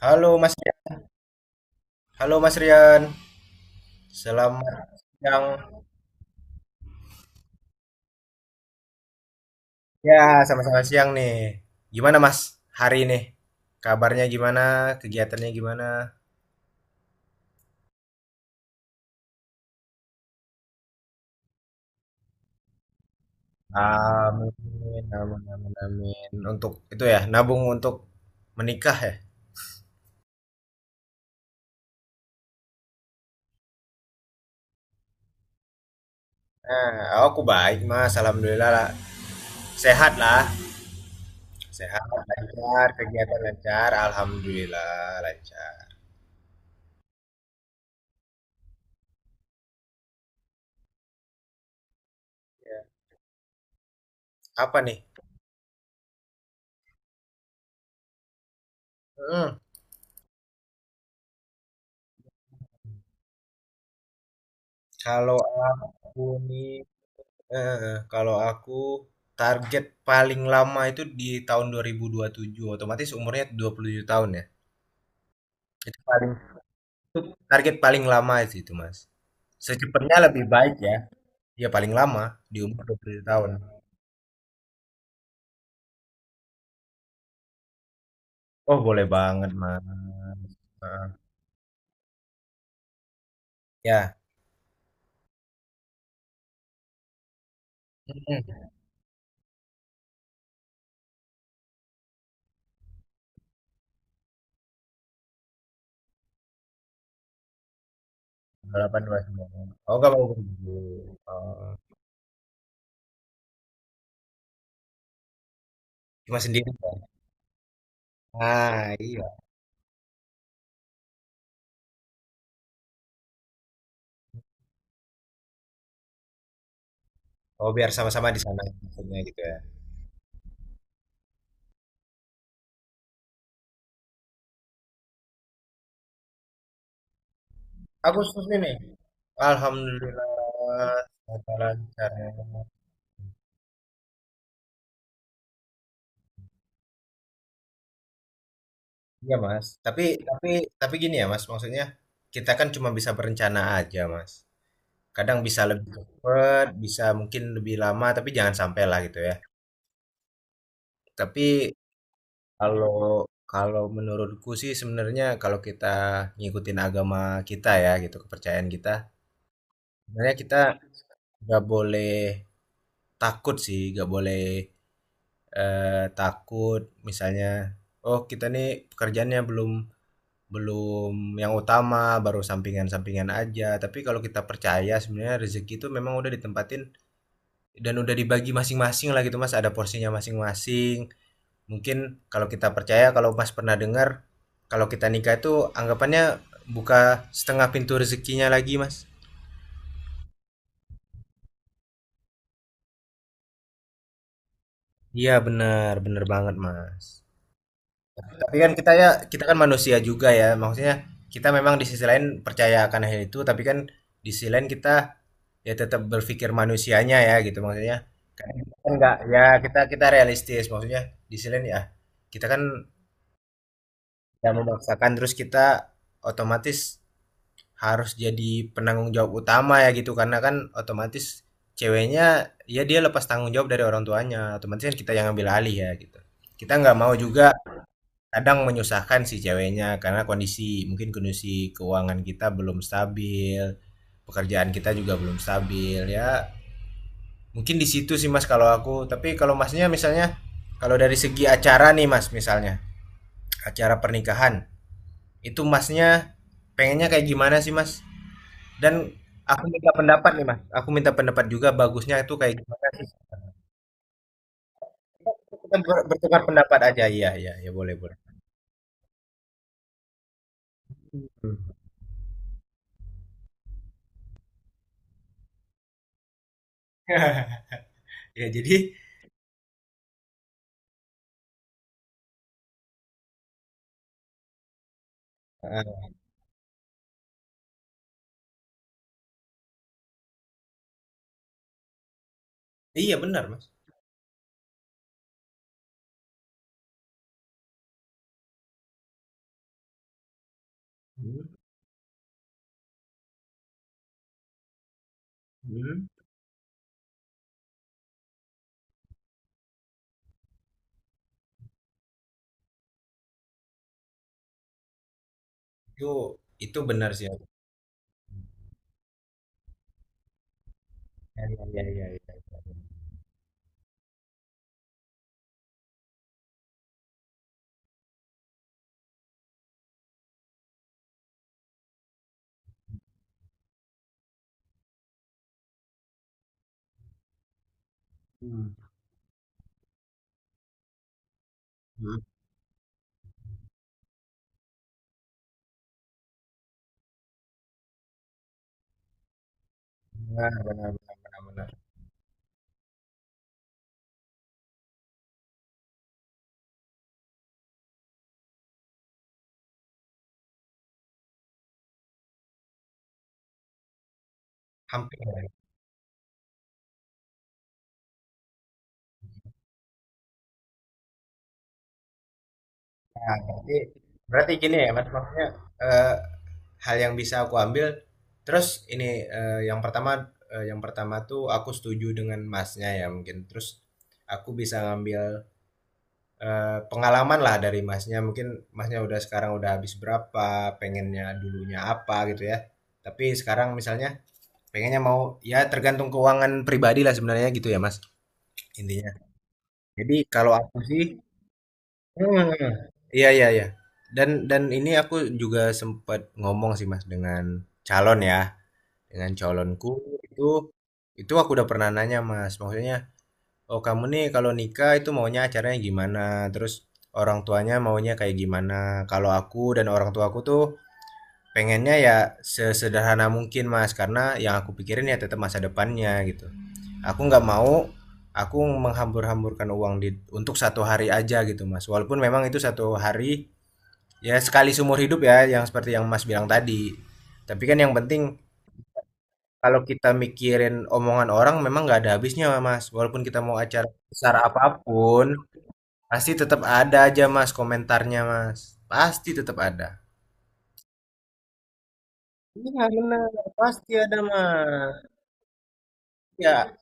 Halo Mas, halo Mas Rian. Selamat siang. Ya, sama-sama siang nih. Gimana Mas hari ini? Kabarnya gimana? Kegiatannya gimana? Amin, amin, amin, amin. Untuk itu ya, nabung untuk menikah ya. Nah, aku baik Mas, alhamdulillah lah. Sehat lah. Sehat, lancar, kegiatan lancar, alhamdulillah lancar. Apa nih? Hmm. kalau aku nih Heeh, kalau aku target paling lama itu di tahun dua dua ribu dua puluh tujuh, otomatis umurnya 27 tahun ya. Itu paling itu target paling lama sih itu, Mas. Secepatnya lebih baik ya. Ya paling lama di umur 27 tahun. Oh, boleh banget, Mas. Heeh. Ya. Hmm. Delapan dua 29. Oh, nggak mau berdua. Oh, cuma sendiri. Pak. Ah, iya. Oh, biar sama-sama di sana maksudnya gitu ya. Agustus ini. Alhamdulillah, semoga lancar. Iya Mas. Tapi tapi gini ya Mas, maksudnya kita kan cuma bisa berencana aja Mas. Kadang bisa lebih cepat, bisa mungkin lebih lama, tapi jangan sampai lah gitu ya. Tapi kalau kalau menurutku sih sebenarnya kalau kita ngikutin agama kita ya gitu, kepercayaan kita, sebenarnya kita nggak boleh takut sih, nggak boleh takut, misalnya, oh kita nih pekerjaannya belum belum yang utama, baru sampingan-sampingan aja, tapi kalau kita percaya sebenarnya rezeki itu memang udah ditempatin dan udah dibagi masing-masing lah gitu mas, ada porsinya masing-masing, mungkin kalau kita percaya, kalau mas pernah dengar, kalau kita nikah itu anggapannya buka setengah pintu rezekinya lagi mas. Iya benar benar banget mas. Tapi kan kita, ya, kita kan manusia juga ya, maksudnya kita memang di sisi lain percaya akan hal itu, tapi kan di sisi lain kita ya tetap berpikir manusianya ya gitu maksudnya. Karena kita kan nggak, ya, kita kita realistis, maksudnya di sisi lain ya, kita kan tidak memaksakan, terus kita otomatis harus jadi penanggung jawab utama ya gitu karena kan otomatis ceweknya ya dia lepas tanggung jawab dari orang tuanya, otomatis kan kita yang ambil alih ya gitu, kita nggak mau juga kadang menyusahkan si ceweknya, karena kondisi, mungkin kondisi keuangan kita belum stabil, pekerjaan kita juga belum stabil, ya mungkin di situ sih Mas kalau aku. Tapi kalau Masnya misalnya, kalau dari segi acara nih Mas misalnya, acara pernikahan, itu Masnya pengennya kayak gimana sih Mas? Dan aku minta pendapat nih Mas, aku minta pendapat juga bagusnya itu kayak gimana, kita bertukar pendapat aja, iya iya, ya boleh boleh. Hmm. Ya jadi, eh, iya benar Mas. Hmm, hmm. Itu itu benar sih. Ya, ya, ya, ya, ya, ya. Hmm. Hmm. Benar, benar, benar, benar, benar. Hampir, ya. Nah, berarti berarti gini ya, Mas, maksudnya eh, hal yang bisa aku ambil, terus ini, eh, yang pertama yang pertama tuh aku setuju dengan Masnya ya mungkin. Terus aku bisa ngambil pengalaman lah dari Masnya. Mungkin Masnya udah, sekarang udah habis berapa, pengennya dulunya apa gitu ya. Tapi sekarang misalnya pengennya mau, ya tergantung keuangan pribadi lah sebenarnya gitu ya Mas, intinya. Jadi kalau aku sih, hmm, iya iya iya. Dan ini aku juga sempat ngomong sih Mas dengan calon ya, dengan calonku, itu itu aku udah pernah nanya Mas, maksudnya, "Oh kamu nih kalau nikah itu maunya acaranya gimana? Terus orang tuanya maunya kayak gimana?" Kalau aku dan orang tuaku tuh pengennya ya sesederhana mungkin Mas, karena yang aku pikirin ya tetap masa depannya gitu. Aku nggak mau aku menghambur-hamburkan uang untuk satu hari aja gitu Mas. Walaupun memang itu satu hari, ya, sekali seumur hidup ya, yang seperti yang Mas bilang tadi. Tapi kan yang penting kalau kita mikirin omongan orang memang nggak ada habisnya Mas. Walaupun kita mau acara besar apapun, pasti tetap ada aja Mas komentarnya Mas. Pasti tetap ada. Iya benar, pasti ada Mas. Ya.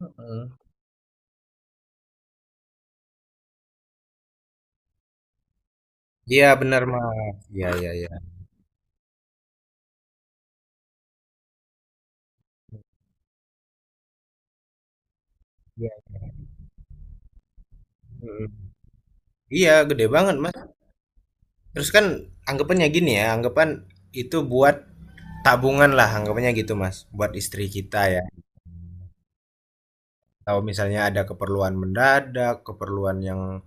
Mhm. Iya benar Mas. Iya iya iya. Iya. Mhm. Iya gede banget, Mas. Terus kan anggapannya gini ya, anggapan itu buat tabungan lah anggapannya gitu, Mas, buat istri kita ya. Kalau misalnya ada keperluan mendadak, keperluan yang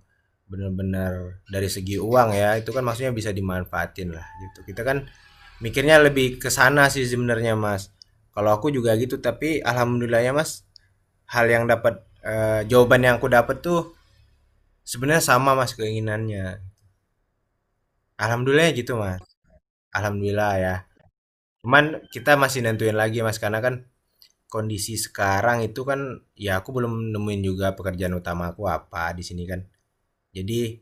benar-benar dari segi uang ya, itu kan maksudnya bisa dimanfaatin lah gitu. Kita kan mikirnya lebih ke sana sih sebenarnya, Mas. Kalau aku juga gitu, tapi alhamdulillahnya, Mas, hal yang dapat, eee, jawaban yang aku dapat tuh sebenarnya sama mas keinginannya, alhamdulillah gitu mas, alhamdulillah ya, cuman kita masih nentuin lagi mas karena kan kondisi sekarang itu kan ya aku belum nemuin juga pekerjaan utama aku apa di sini kan, jadi,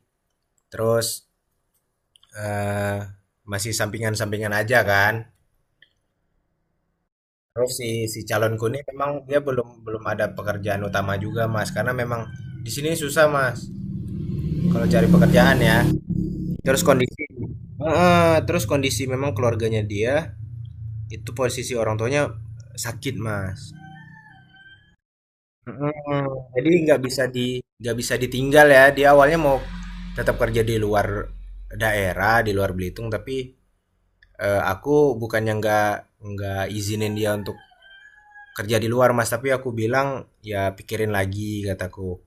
terus eh, masih sampingan-sampingan aja kan, terus si si calonku ini memang dia belum belum ada pekerjaan utama juga mas, karena memang di sini susah mas kalau cari pekerjaan ya, terus kondisi, heeh, terus kondisi memang keluarganya dia itu posisi orang tuanya sakit mas. Mm, jadi nggak bisa ditinggal ya, dia awalnya mau tetap kerja di luar daerah, di luar Belitung, tapi aku bukannya nggak izinin dia untuk kerja di luar mas, tapi aku bilang, ya pikirin lagi, kataku,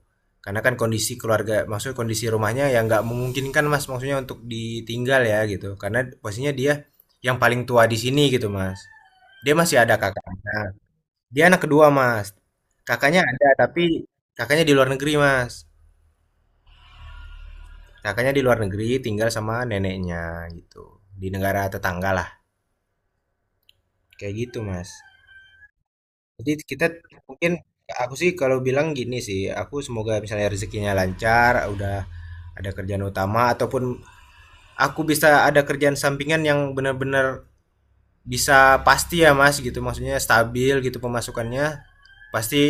karena kan kondisi keluarga maksudnya kondisi rumahnya yang nggak memungkinkan mas, maksudnya untuk ditinggal ya gitu, karena posisinya dia yang paling tua di sini gitu mas, dia masih ada kakaknya. Dia anak kedua, Mas. Kakaknya ada, tapi kakaknya di luar negeri, Mas. Kakaknya di luar negeri, tinggal sama neneknya gitu. Di negara tetangga lah. Kayak gitu, Mas. Jadi kita mungkin, aku sih kalau bilang gini sih, aku semoga misalnya rezekinya lancar, udah ada kerjaan utama ataupun aku bisa ada kerjaan sampingan yang benar-benar bisa pasti ya, Mas, gitu. Maksudnya stabil gitu pemasukannya, pasti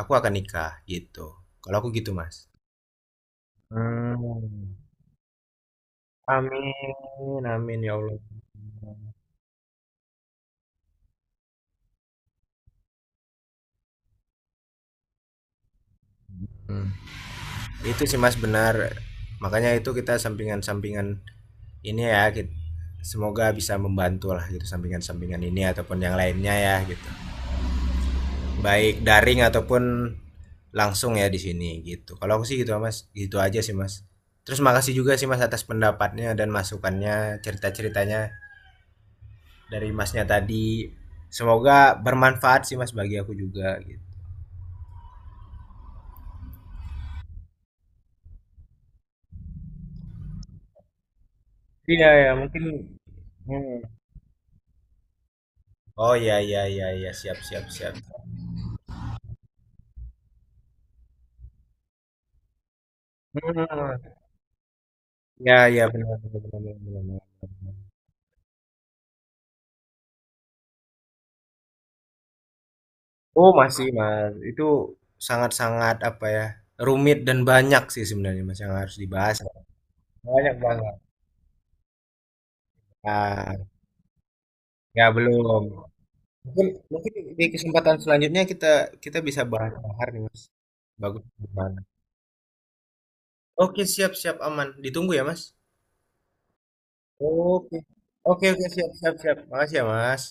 aku akan nikah gitu. Kalau aku gitu, Mas. Hmm. Amin, amin ya Allah. Hmm. Itu sih Mas benar. Makanya itu kita sampingan-sampingan ini ya, semoga bisa membantu lah gitu sampingan-sampingan ini ataupun yang lainnya ya gitu. Baik daring ataupun langsung ya di sini gitu. Kalau aku sih gitu Mas, gitu aja sih Mas. Terus makasih juga sih Mas atas pendapatnya dan masukannya, cerita-ceritanya dari Masnya tadi. Semoga bermanfaat sih Mas bagi aku juga gitu. Iya ya mungkin, hmm. Oh iya iya iya iya, siap siap siap. Hmm. Ya, ya, benar, benar, benar, benar, benar. Oh masih mas, itu sangat sangat apa ya, rumit dan banyak sih sebenarnya mas yang harus dibahas. Banyak banget. Ah ya belum. Mungkin mungkin di kesempatan selanjutnya kita kita bisa bahas bahar nih mas. Bagus banget. Oke siap siap aman. Ditunggu ya mas. Oke. Oke oke siap siap siap. Makasih ya mas.